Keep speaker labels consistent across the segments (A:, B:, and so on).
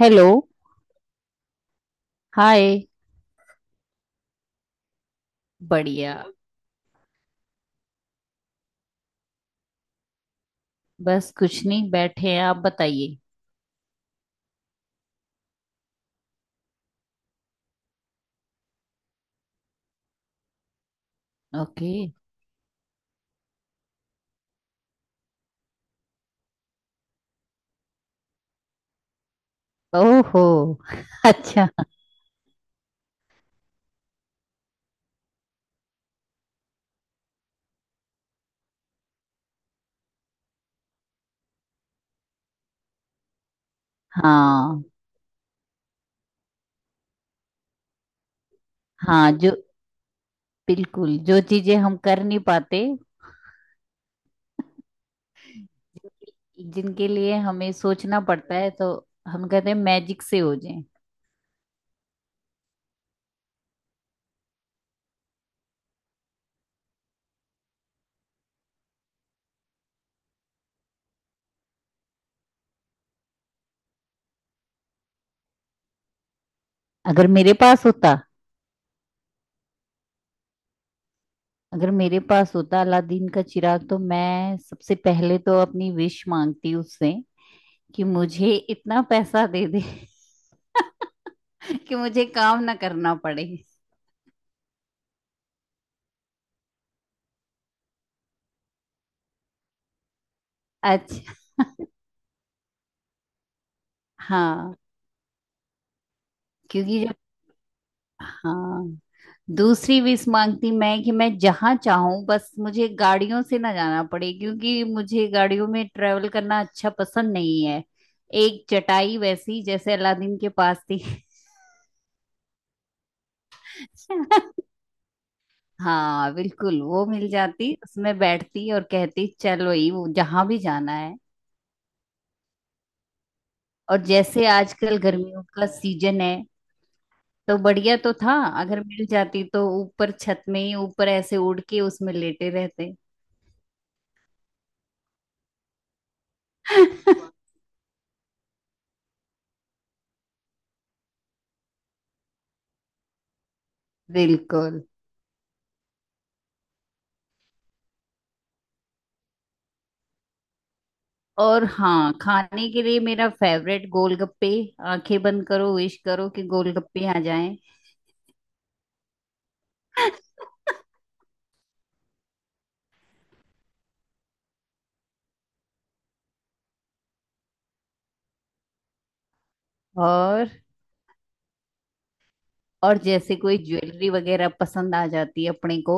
A: Hello. Hi. बढ़िया। बस कुछ नहीं, बैठे हैं। आप बताइए। ओके। ओहो। अच्छा। हाँ। हाँ जो, बिल्कुल। जो चीजें हम कर नहीं पाते, जिनके लिए हमें सोचना पड़ता है, तो हम कहते हैं मैजिक से हो जाए। अगर मेरे पास होता अगर मेरे पास होता अलादीन का चिराग, तो मैं सबसे पहले तो अपनी विश मांगती उससे कि मुझे इतना पैसा दे दे। कि मुझे काम ना करना पड़े। अच्छा। हाँ, क्योंकि जब हाँ, दूसरी विश मांगती मैं कि मैं जहाँ चाहूँ, बस मुझे गाड़ियों से ना जाना पड़े, क्योंकि मुझे गाड़ियों में ट्रेवल करना अच्छा पसंद नहीं है। एक चटाई वैसी जैसे अलादीन के पास थी। हाँ बिल्कुल, वो मिल जाती, उसमें बैठती और कहती चलो ये वो जहाँ भी जाना है। और जैसे आजकल गर्मियों का सीजन है, तो बढ़िया तो था अगर मिल जाती, तो ऊपर छत में ही ऊपर ऐसे उड़ के उसमें लेटे रहते। बिल्कुल। और हाँ, खाने के लिए मेरा फेवरेट गोलगप्पे। आंखें बंद करो, विश करो कि गोलगप्पे आ जाएं। और और जैसे कोई ज्वेलरी वगैरह पसंद आ जाती है अपने को,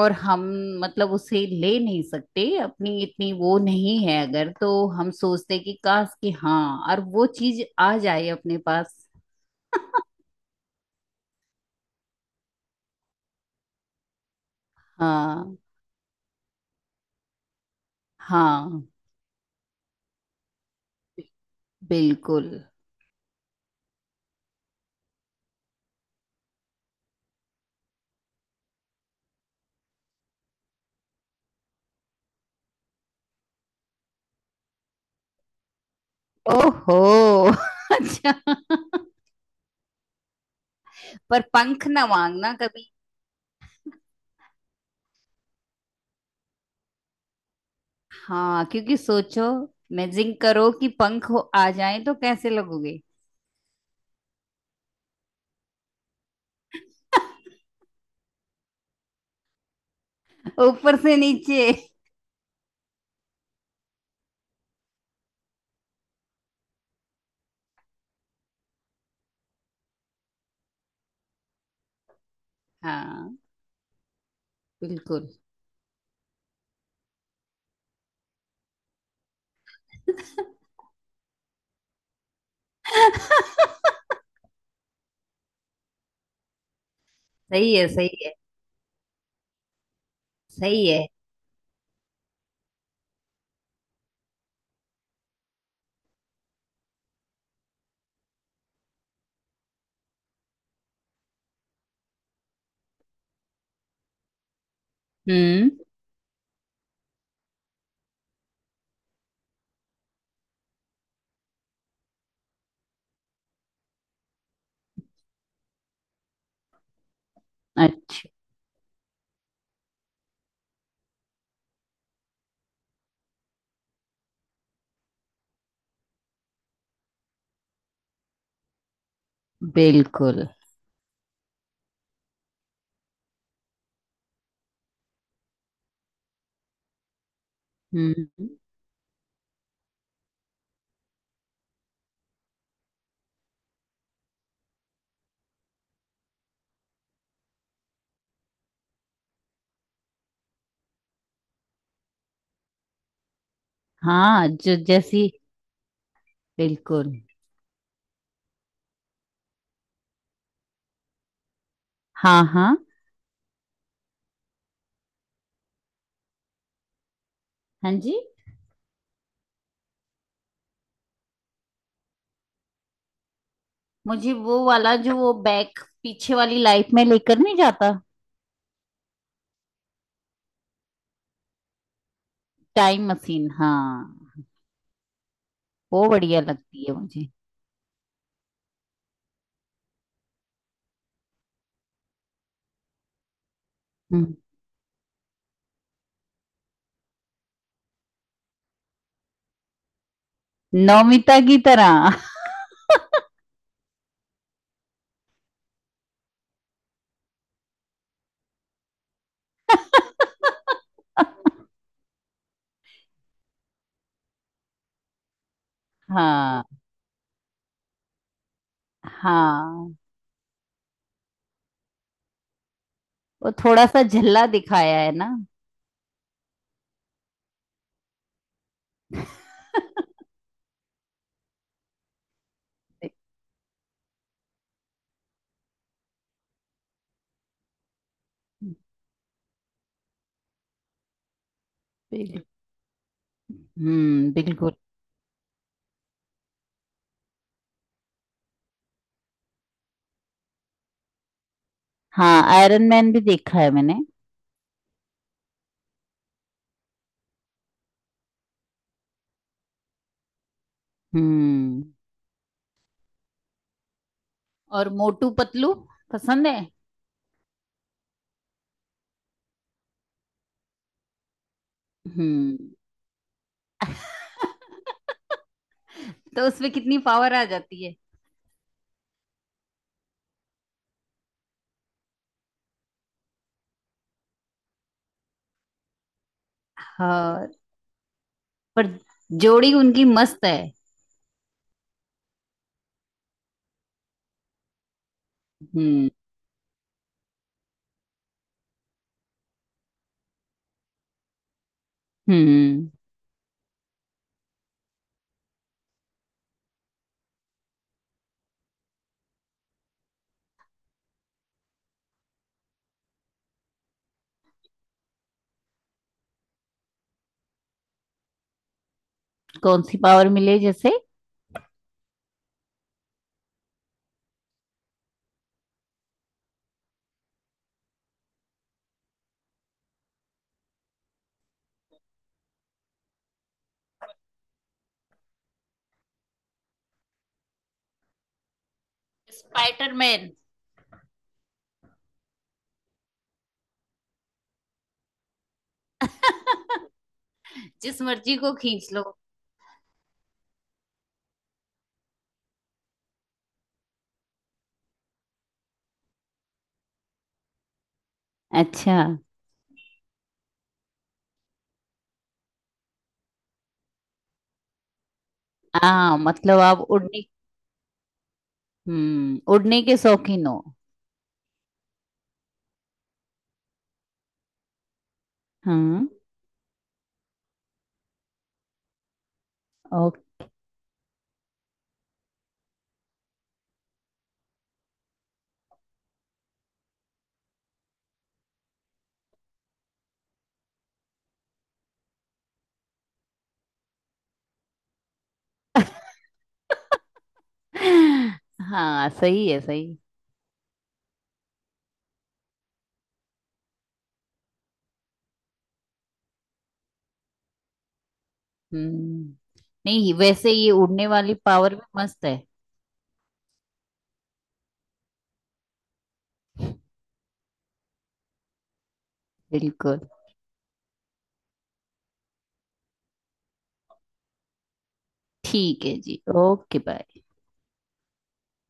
A: और हम, मतलब उसे ले नहीं सकते, अपनी इतनी वो नहीं है अगर, तो हम सोचते कि काश कि हाँ, और वो चीज आ जाए अपने पास। हाँ। हाँ बिल्कुल। ओहो। अच्छा। पर पंख ना मांगना कभी। हाँ, क्योंकि सोचो, इमेजिन करो कि पंख हो आ जाए तो कैसे लगोगे, ऊपर से नीचे। हाँ। बिल्कुल। सही है। सही है। सही है। हम्म। अच्छा। बिल्कुल। हम्म। हाँ जो, जैसी, बिल्कुल। हाँ। हाँ। हाँ जी। मुझे वो वाला जो वो बैग पीछे वाली लाइफ में लेकर नहीं जाता। टाइम मशीन, हाँ। वो बढ़िया लगती है मुझे। हम्म। नौमिता की तरह। हाँ। हाँ, वो थोड़ा सा झल्ला दिखाया है ना। बिल्कुल। हम्म, बिल्कुल। हाँ, आयरन मैन भी देखा है मैंने। हम्म। और मोटू पतलू पसंद है। हम्म, तो उसमें कितनी पावर आ जाती है। हाँ। पर जोड़ी उनकी मस्त है। हम्म। हम्म। कौन सी पावर मिले जैसे। स्पाइडरमैन। जिस मर्जी को खींच लो। अच्छा। हाँ मतलब आप उड़ने, हम्म, उड़ने के शौकीन हो। हाँ। ओके। हाँ सही है। सही। हम्म। नहीं वैसे ये उड़ने वाली पावर भी मस्त है। बिल्कुल। ठीक है जी। Okay, bye.